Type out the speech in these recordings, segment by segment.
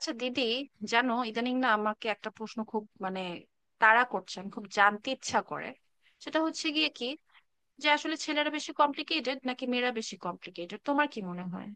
আচ্ছা দিদি, জানো ইদানিং না আমাকে একটা প্রশ্ন খুব তাড়া করছে। আমি খুব জানতে ইচ্ছা করে সেটা হচ্ছে গিয়ে কি, যে আসলে ছেলেরা বেশি কমপ্লিকেটেড নাকি মেয়েরা বেশি কমপ্লিকেটেড? তোমার কি মনে হয়?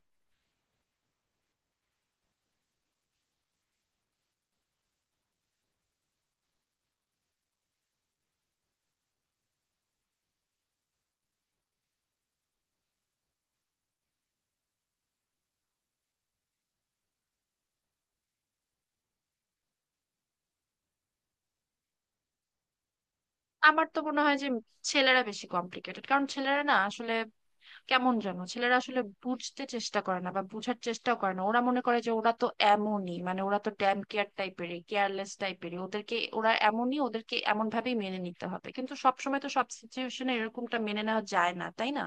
আমার তো মনে হয় যে ছেলেরা বেশি কমপ্লিকেটেড, কারণ ছেলেরা না আসলে কেমন জানো, ছেলেরা আসলে বুঝতে চেষ্টা করে না বা বুঝার চেষ্টাও করে না। ওরা মনে করে যে ওরা তো এমনই, ওরা তো ড্যাম কেয়ার টাইপেরই, কেয়ারলেস টাইপেরই, ওদেরকে ওরা এমনই, ওদেরকে এমন ভাবেই মেনে নিতে হবে। কিন্তু সবসময় তো সব সিচুয়েশনে এরকমটা মেনে নেওয়া যায় না, তাই না?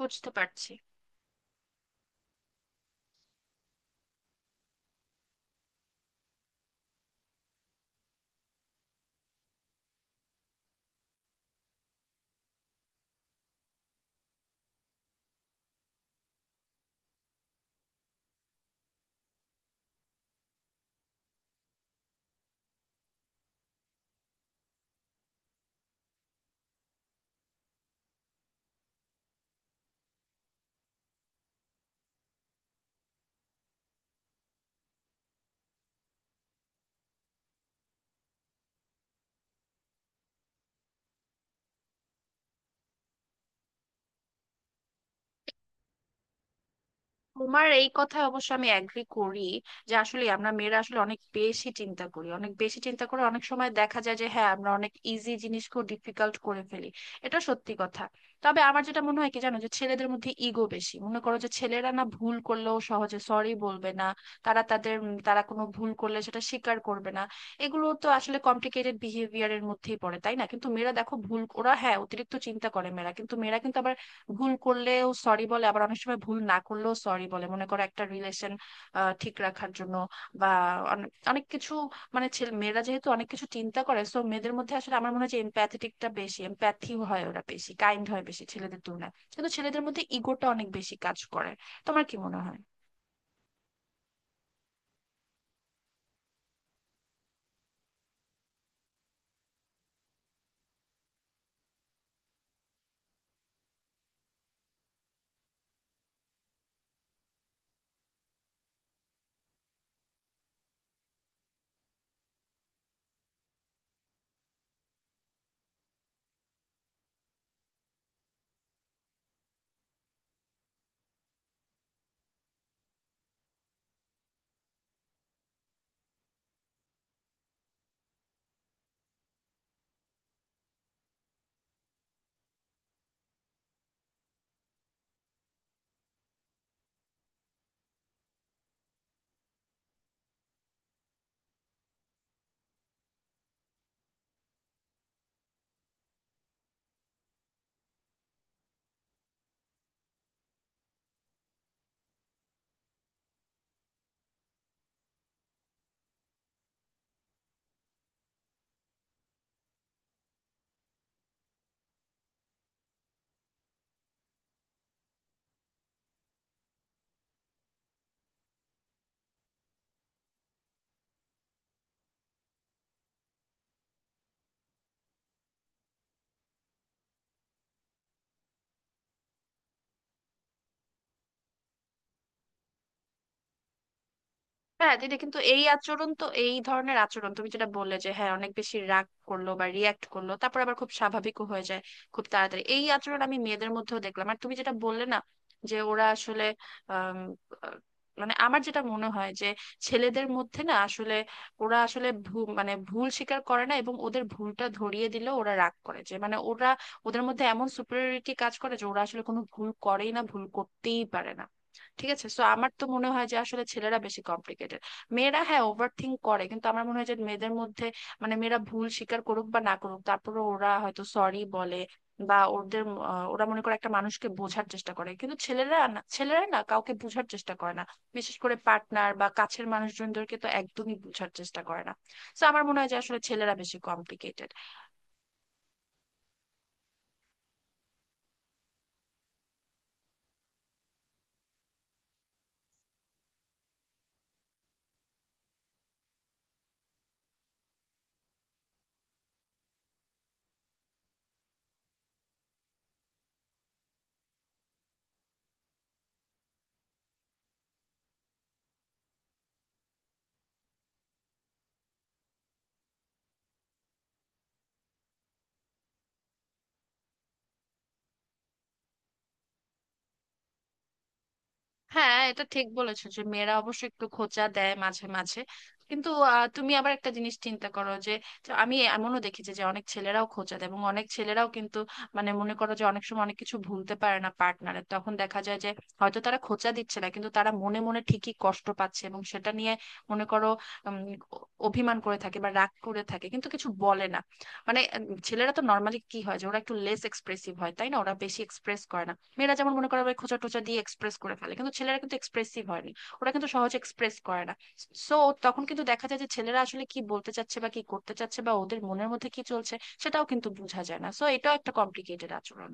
বুঝতে পারছি। তোমার এই কথায় অবশ্য আমি এগ্রি করি, যে আসলে আমরা মেয়েরা আসলে অনেক বেশি চিন্তা করি, অনেক বেশি চিন্তা করে অনেক সময় দেখা যায় যে হ্যাঁ, আমরা অনেক ইজি জিনিসকেও ডিফিকাল্ট করে ফেলি। এটা সত্যি কথা। তবে আমার যেটা মনে হয় কি জানো, যে ছেলেদের মধ্যে ইগো বেশি। মনে করো যে ছেলেরা না ভুল করলেও সহজে সরি বলবে না। তারা কোনো ভুল করলে সেটা স্বীকার করবে না। এগুলো তো আসলে কমপ্লিকেটেড বিহেভিয়ারের মধ্যেই পড়ে, তাই না? কিন্তু মেয়েরা দেখো, ভুল ওরা হ্যাঁ অতিরিক্ত চিন্তা করে মেয়েরা, কিন্তু আবার ভুল করলেও সরি বলে, আবার অনেক সময় ভুল না করলেও সরি বলে, মনে করো একটা রিলেশন ঠিক রাখার জন্য, বা অনেক অনেক কিছু। ছেলে মেয়েরা যেহেতু অনেক কিছু চিন্তা করে, সো মেয়েদের মধ্যে আসলে আমার মনে হয় যে এমপ্যাথেটিকটা বেশি, এমপ্যাথি হয় ওরা বেশি, কাইন্ড হয় বেশি ছেলেদের তুলনায়। কিন্তু ছেলেদের মধ্যে ইগোটা অনেক বেশি কাজ করে। তোমার কি মনে হয়? হ্যাঁ দিদি, কিন্তু এই আচরণ তো, এই ধরনের আচরণ তুমি যেটা বললে যে হ্যাঁ অনেক বেশি রাগ করলো বা রিয়াক্ট করলো, তারপর আবার খুব স্বাভাবিকও হয়ে যায় খুব তাড়াতাড়ি, এই আচরণ আমি মেয়েদের মধ্যেও দেখলাম। আর তুমি যেটা বললে না যে ওরা আসলে আম, আহ, আমার যেটা মনে হয় যে ছেলেদের মধ্যে না আসলে ওরা আসলে ভুল স্বীকার করে না, এবং ওদের ভুলটা ধরিয়ে দিলেও ওরা রাগ করে যে, ওরা, ওদের মধ্যে এমন সুপিরিয়রিটি কাজ করে যে ওরা আসলে কোনো ভুল করেই না, ভুল করতেই পারে না। ঠিক আছে, সো আমার তো মনে হয় যে আসলে ছেলেরা বেশি কমপ্লিকেটেড। মেয়েরা হ্যাঁ ওভার থিঙ্ক করে, কিন্তু আমার মনে হয় যে মেয়েদের মধ্যে, মেয়েরা ভুল স্বীকার করুক বা না করুক, তারপরে ওরা হয়তো সরি বলে, বা ওদের, আহ, ওরা মনে করে একটা মানুষকে বোঝার চেষ্টা করে। কিন্তু ছেলেরা না, ছেলেরা কাউকে বোঝার চেষ্টা করে না, বিশেষ করে পার্টনার বা কাছের মানুষজনদেরকে তো একদমই বোঝার চেষ্টা করে না। তো আমার মনে হয় যে আসলে ছেলেরা বেশি কমপ্লিকেটেড। হ্যাঁ এটা ঠিক বলেছো যে মেয়েরা অবশ্য একটু খোঁচা দেয় মাঝে মাঝে, কিন্তু আহ, তুমি আবার একটা জিনিস চিন্তা করো যে, আমি এমনও দেখেছি যে অনেক ছেলেরাও খোঁচা দেয়, এবং অনেক ছেলেরাও কিন্তু মনে করো যে অনেক সময় অনেক কিছু ভুলতে পারে না পার্টনারের, তখন দেখা যায় যে হয়তো তারা খোঁচা দিচ্ছে না, কিন্তু তারা মনে মনে ঠিকই কষ্ট পাচ্ছে এবং সেটা নিয়ে মনে করো, উম, অভিমান করে থাকে বা রাগ করে থাকে, কিন্তু কিছু বলে না। ছেলেরা তো নর্মালি কি হয় যে ওরা একটু লেস এক্সপ্রেসিভ হয়, তাই না? ওরা বেশি এক্সপ্রেস করে না। মেয়েরা যেমন মনে করো আবার খোঁচা টোচা দিয়ে এক্সপ্রেস করে ফেলে, কিন্তু ছেলেরা কিন্তু এক্সপ্রেসিভ হয় না, ওরা কিন্তু সহজে এক্সপ্রেস করে না। সো তখন কিন্তু দেখা যায় যে ছেলেরা আসলে কি বলতে চাচ্ছে বা কি করতে চাচ্ছে বা ওদের মনের মধ্যে কি চলছে, সেটাও কিন্তু বোঝা যায় না। সো এটাও একটা কমপ্লিকেটেড আচরণ।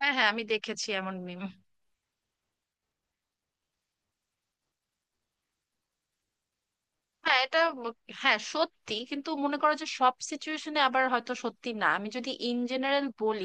হ্যাঁ হ্যাঁ, আমি দেখেছি এমন meme। হ্যাঁ এটা ম- হ্যাঁ সত্যি, কিন্তু মনে করো যে সব সিচুয়েশনে আবার হয়তো সত্যি না। আমি যদি ইন জেনারেল বলি,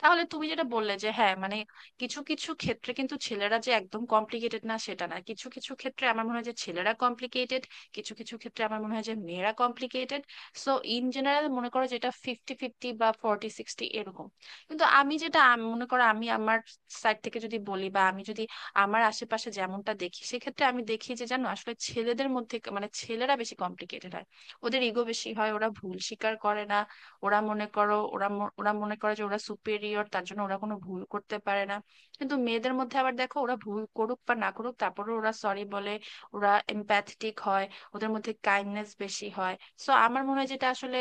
তাহলে তুমি যেটা বললে যে হ্যাঁ, কিছু কিছু ক্ষেত্রে কিন্তু ছেলেরা যে একদম কমপ্লিকেটেড না সেটা না, কিছু কিছু ক্ষেত্রে আমার মনে হয় যে ছেলেরা কমপ্লিকেটেড, কিছু কিছু ক্ষেত্রে আমার মনে হয় যে মেয়েরা কমপ্লিকেটেড। সো ইন জেনারেল মনে করো যেটা ফিফটি ফিফটি বা ফর্টি সিক্সটি এরকম। কিন্তু আমি যেটা মনে করো, আমি আমার সাইড থেকে যদি বলি, বা আমি যদি আমার আশেপাশে যেমনটা দেখি, সেক্ষেত্রে আমি দেখি যে জানো, আসলে ছেলেদের মধ্যে মানে ছেলেরা বেশি কমপ্লিকেটেড হয়, ওদের ইগো বেশি হয়, ওরা ভুল স্বীকার করে না। ওরা মনে করো, ওরা মনে করে যে ওরা সুপেরিয়র, তার জন্য ওরা কোনো ভুল করতে পারে না। কিন্তু মেয়েদের মধ্যে আবার দেখো, ওরা ভুল করুক বা না করুক, তারপরে ওরা সরি বলে, ওরা এম্প্যাথেটিক হয়, ওদের মধ্যে কাইন্ডনেস বেশি হয়। সো আমার মনে হয় যেটা আসলে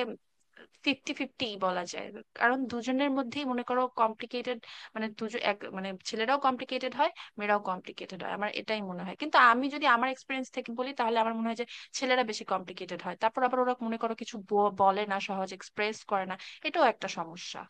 ফিফটি ফিফটি বলা যায়, কারণ দুজনের মধ্যেই মনে করো কমপ্লিকেটেড, মানে দুজন এক মানে ছেলেরাও কমপ্লিকেটেড হয়, মেয়েরাও কমপ্লিকেটেড হয়, আমার এটাই মনে হয়। কিন্তু আমি যদি আমার এক্সপিরিয়েন্স থেকে বলি, তাহলে আমার মনে হয় যে ছেলেরা বেশি কমপ্লিকেটেড হয়। তারপর আবার ওরা মনে করো কিছু বলে না, সহজ এক্সপ্রেস করে না, এটাও একটা সমস্যা।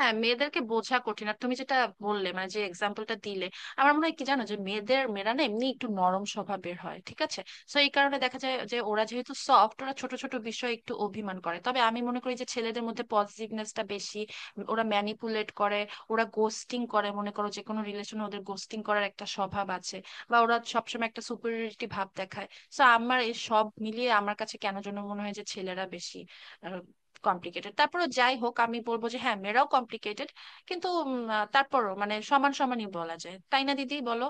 হ্যাঁ মেয়েদেরকে বোঝা কঠিন। আর তুমি যেটা বললে, যে এক্সাম্পলটা দিলে, আমার মনে হয় কি জানো যে মেয়েরা না এমনি একটু নরম স্বভাবের হয়, ঠিক আছে? তো এই কারণে দেখা যায় যে ওরা যেহেতু সফট, ওরা ছোট ছোট বিষয়ে একটু অভিমান করে। তবে আমি মনে করি যে ছেলেদের মধ্যে পজিটিভনেসটা বেশি, ওরা ম্যানিপুলেট করে, ওরা গোস্টিং করে, মনে করো যে কোনো রিলেশনে ওদের গোস্টিং করার একটা স্বভাব আছে, বা ওরা সবসময় একটা সুপিরিয়রিটি ভাব দেখায়। তো আমার এই সব মিলিয়ে আমার কাছে কেন যেন মনে হয় যে ছেলেরা বেশি কমপ্লিকেটেড। তারপরও যাই হোক, আমি বলবো যে হ্যাঁ, মেয়েরাও কমপ্লিকেটেড, কিন্তু তারপরও সমান সমানই বলা যায়, তাই না দিদি, বলো?